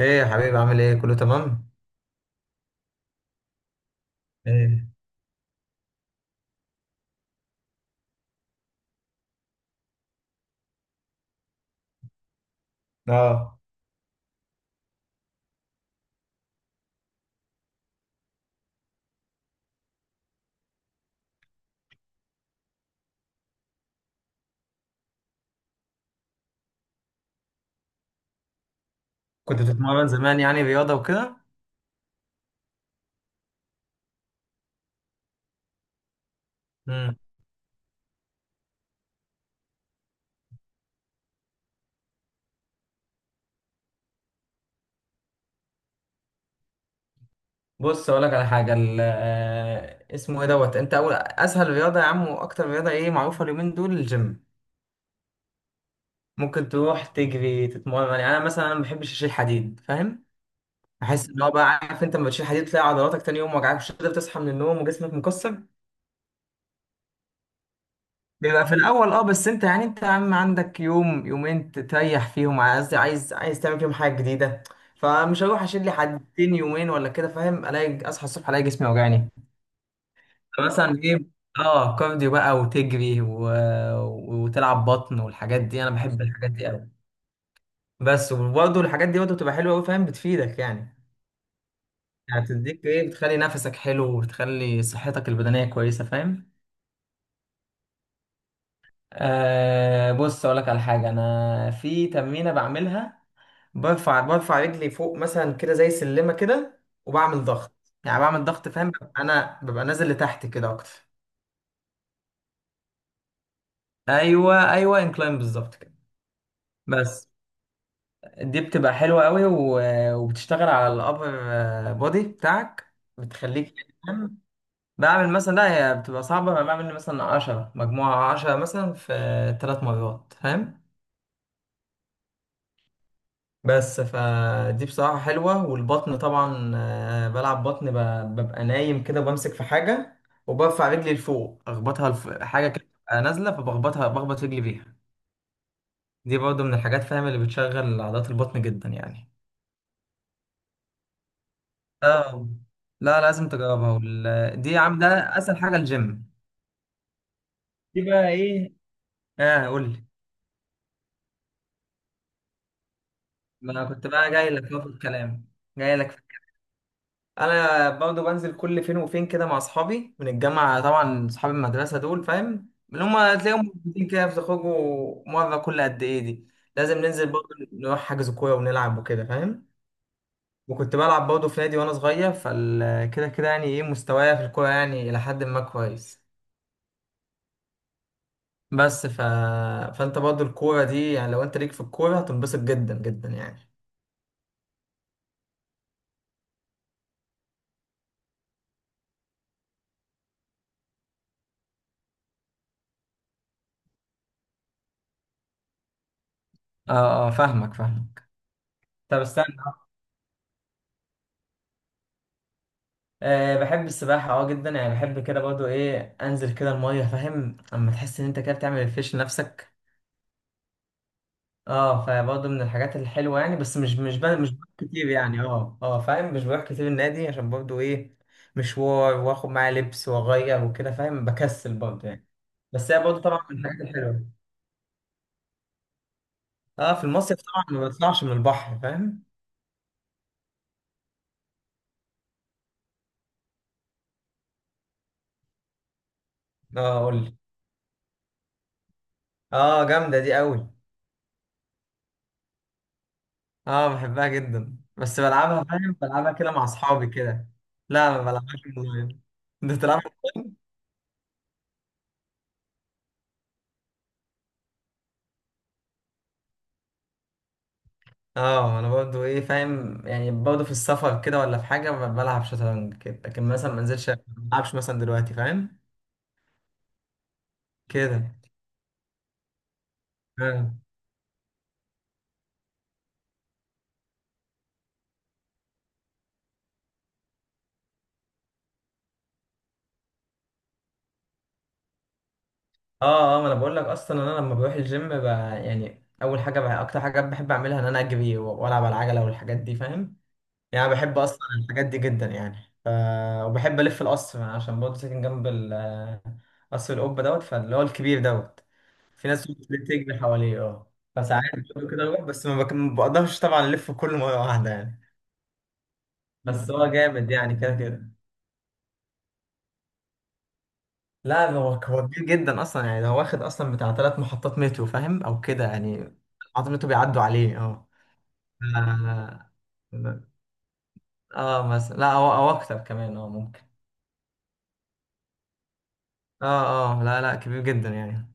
ايه يا حبيبي، عامل ايه؟ كله تمام. ايه. اه، كنت بتتمرن زمان يعني رياضه وكده؟ امم. بص اقول لك على حاجه اسمه ايه دوت. انت اول اسهل رياضه يا عم، واكتر رياضه ايه معروفه اليومين دول الجيم. ممكن تروح تجري تتمرن، يعني مثلا أنا ما بحبش اشيل حديد، فاهم. احس ان هو بقى، عارف انت لما بتشيل حديد، تلاقي عضلاتك تاني يوم وجعك، مش قادر تصحى من النوم وجسمك مكسر. بيبقى في الاول، اه، بس انت يا عم عندك يوم يومين تريح فيهم، عايز تعمل فيهم حاجه جديده. فمش هروح اشيل لي حدتين يومين ولا كده، فاهم، الاقي اصحى الصبح الاقي جسمي وجعني. مثلا ايه؟ اه، كارديو بقى وتجري وتلعب بطن والحاجات دي، انا بحب الحاجات دي قوي. بس وبرضه الحاجات دي برضه بتبقى حلوه قوي، فاهم، بتفيدك يعني. يعني بتديك ايه، بتخلي نفسك حلو، وبتخلي صحتك البدنيه كويسه، فاهم. بص اقول لك على حاجه، انا في تمرينه بعملها. برفع رجلي فوق مثلا كده زي سلمة كده، وبعمل ضغط. يعني بعمل ضغط، فاهم، انا ببقى نازل لتحت كده اكتر. ايوه ايوه، انكلاين بالظبط كده. بس دي بتبقى حلوة قوي، و- وبتشتغل على الابر بودي بتاعك، بتخليك، فاهم؟ بعمل مثلا، لا هي بتبقى صعبة، أنا بعمل مثلا 10 مجموعة، 10 مثلا في 3 مرات، فاهم. بس فدي بصراحة حلوة. والبطن طبعا، بلعب بطن، ببقى نايم كده وبمسك في حاجة، وبرفع رجلي لفوق أخبطها حاجة كده بتبقى نازلة، بخبط رجلي بيها. دي برضه من الحاجات، فاهم، اللي بتشغل عضلات البطن جدا يعني. اه، لا لازم تجربها، دي عم ده. أسهل حاجة الجيم. دي بقى إيه؟ قول لي. ما أنا كنت بقى جاي لك في الكلام، جاي لك. انا برضه بنزل كل فين وفين كده مع اصحابي من الجامعه، طبعا اصحاب المدرسه دول، فاهم، اللي هم تلاقيهم موجودين كده، بتخرجوا مره كل قد ايه دي. لازم ننزل برضه نروح حجز كوره ونلعب وكده، فاهم. وكنت بلعب برضه في نادي وانا صغير، فال كده كده يعني ايه مستوايا في الكوره، يعني الى حد ما كويس. بس فانت برضه الكوره دي، يعني لو انت ليك في الكوره هتنبسط جدا جدا يعني. اه اه، فاهمك فاهمك. طب استنى. أه بحب السباحة، اه جدا يعني، بحب كده برضو ايه انزل كده المية، فاهم، اما تحس ان انت كده بتعمل ريفريش لنفسك. اه، فبرضو من الحاجات الحلوة يعني، بس مش بروح كتير يعني. اه اه، فاهم، مش بروح كتير النادي عشان برضو ايه، مشوار واخد معايا لبس واغير وكده، فاهم، بكسل برضو يعني. بس هي برضو طبعا من الحاجات الحلوة. اه، في المصيف طبعا ما بطلعش من البحر، فاهم. اه قولي. اه، جامدة دي قوي. اه، بحبها جدا، بس بلعبها، فاهم، بلعبها كده مع اصحابي كده. لا، ما بلعبهاش اونلاين. انت بتلعب؟ اه، انا برضه ايه، فاهم يعني، برضه في السفر كده ولا في حاجه بلعب شطرنج كده، لكن مثلا ما انزلش ما بلعبش مثلا دلوقتي، فاهم، كده. اه اه، ما انا بقول لك اصلا انا لما بروح الجيم يعني اول حاجه بقى اكتر حاجه بحب اعملها ان انا اجري و- والعب على العجله والحاجات دي، فاهم. يعني أنا بحب اصلا الحاجات دي جدا يعني ف... وبحب الف القصر عشان برضه ساكن جنب قصر القبة دوت، فاللي هو الكبير دوت. في ناس بتجري حواليه، اه، فساعات بيقولوا كده بروح، بس ما بقدرش طبعا الف كله مرة واحدة يعني. بس هو جامد يعني كده كده. لا، هو كبير جدا اصلا، يعني هو واخد اصلا بتاع 3 محطات مترو، فاهم، او كده يعني. محطات مترو بيعدوا عليه، اه. اه مثلا لا هو او اكتر كمان، اه، ممكن. اه اه، لا لا كبير جدا يعني.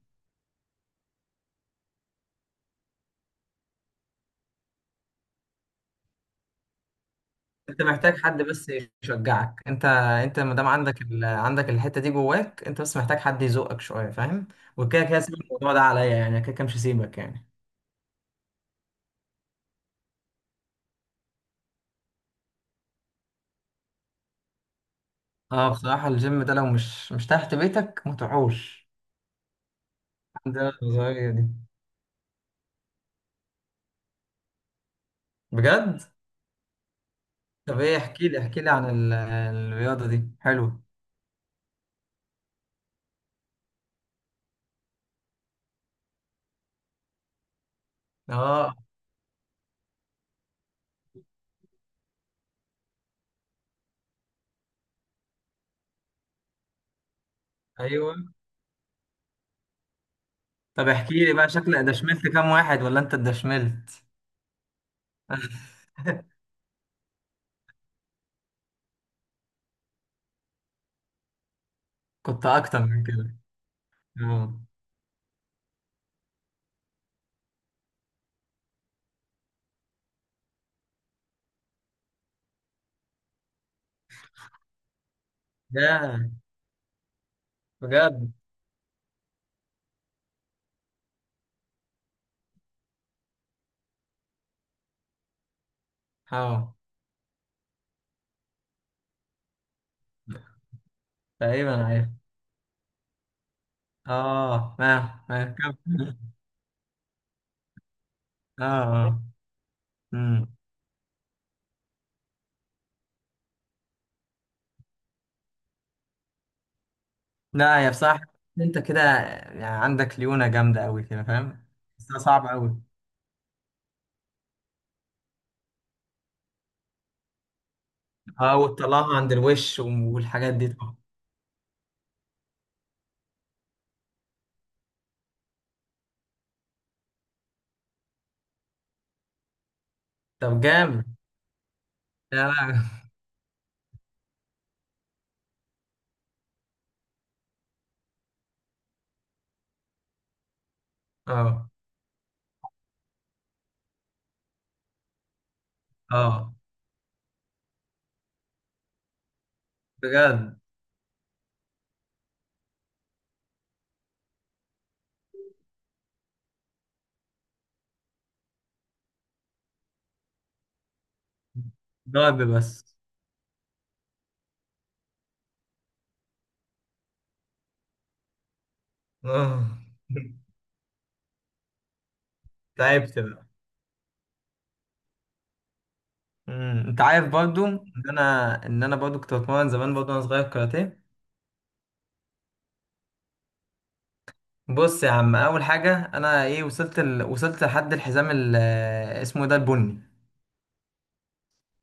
انت محتاج حد بس يشجعك، انت ما دام عندك عندك الحته دي جواك، انت بس محتاج حد يزقك شويه، فاهم. وكده كده سيب الموضوع ده عليا، يعني كده كده مش هسيبك يعني. اه، بصراحه الجيم ده لو مش تحت بيتك ما تروحوش. عندنا النظريه دي. بجد؟ طب ايه، احكي لي احكي لي عن ال... الرياضه دي حلوه. اه. ايوه، طب احكي لي بقى شكلك دشملت كام واحد ولا انت اتدشملت؟ كنت اكتر من كده. اه. ياه، بجد. اه. تقريبا عارف. اه، ما كمل. اه اه. امم، لا يا بصراحة، انت كده يعني عندك ليونة جامدة قوي كده، فاهم. بس ده صعب قوي. اه، وتطلعها عند الوش والحاجات دي طبعا. طب جامد. لا لا. اه اه، بجد. ضرب بس. اه، تعبت بقى. امم، انت عارف برضو ان انا برضو كنت بتمرن زمان برضو وانا صغير كاراتيه. بص يا عم، اول حاجه انا ايه وصلت وصلت لحد الحزام اسمه ده البني.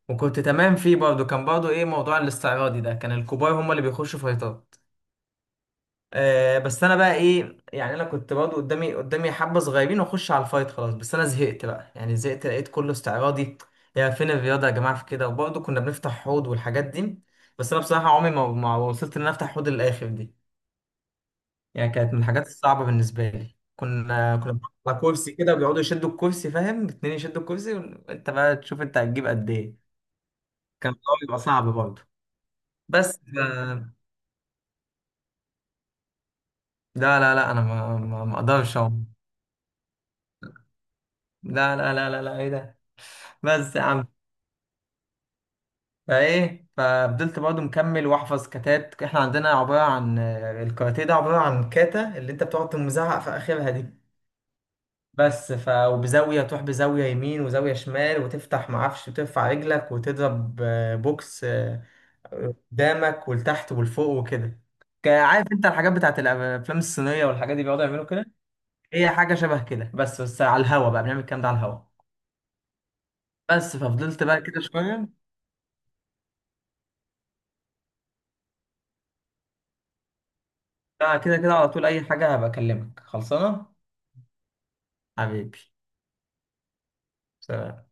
وكنت تمام فيه برضه، كان برضه ايه موضوع الاستعراضي ده، كان الكبار هم اللي بيخشوا فايتات. بس انا بقى ايه، يعني انا كنت برضه قدامي قدامي حبه صغيرين، واخش على الفايت خلاص، بس انا زهقت بقى، يعني زهقت، لقيت كله استعراضي. يا فين الرياضه يا جماعه، في كده، وبرضه كنا بنفتح حوض والحاجات دي. بس انا بصراحه عمري ما وصلت ان انا افتح حوض للاخر دي. يعني كانت من الحاجات الصعبة بالنسبة لي، كنا بنقعد على كرسي كده، وبيقعدوا يشدوا الكرسي، فاهم، اتنين يشدوا الكرسي وانت بقى تشوف انت هتجيب قد ايه. كان الأول بيبقى صعب برضه، بس لا لا لا انا ما اقدرش أقوم. لا لا لا لا لا، ايه ده؟ بس يا عم، فايه ففضلت برضه مكمل واحفظ كاتات. احنا عندنا عبارة عن، الكاراتيه ده عبارة عن كاتا، اللي انت بتقعد تزعق في اخرها دي. بس ف، وبزاوية تروح، بزاوية يمين وزاوية شمال وتفتح معرفش، وترفع رجلك وتضرب، بوكس قدامك ولتحت ولفوق وكده. عارف انت الحاجات بتاعت الافلام الصينية والحاجات دي، بيقعدوا يعملوا كده. هي حاجة شبه كده، بس على الهوا بقى بنعمل الكلام ده على الهوا. بس ففضلت بقى كده شوية. لا، كده كده على طول، أي حاجة هبقى أكلمك، خلصانة. حبيبي، سلام.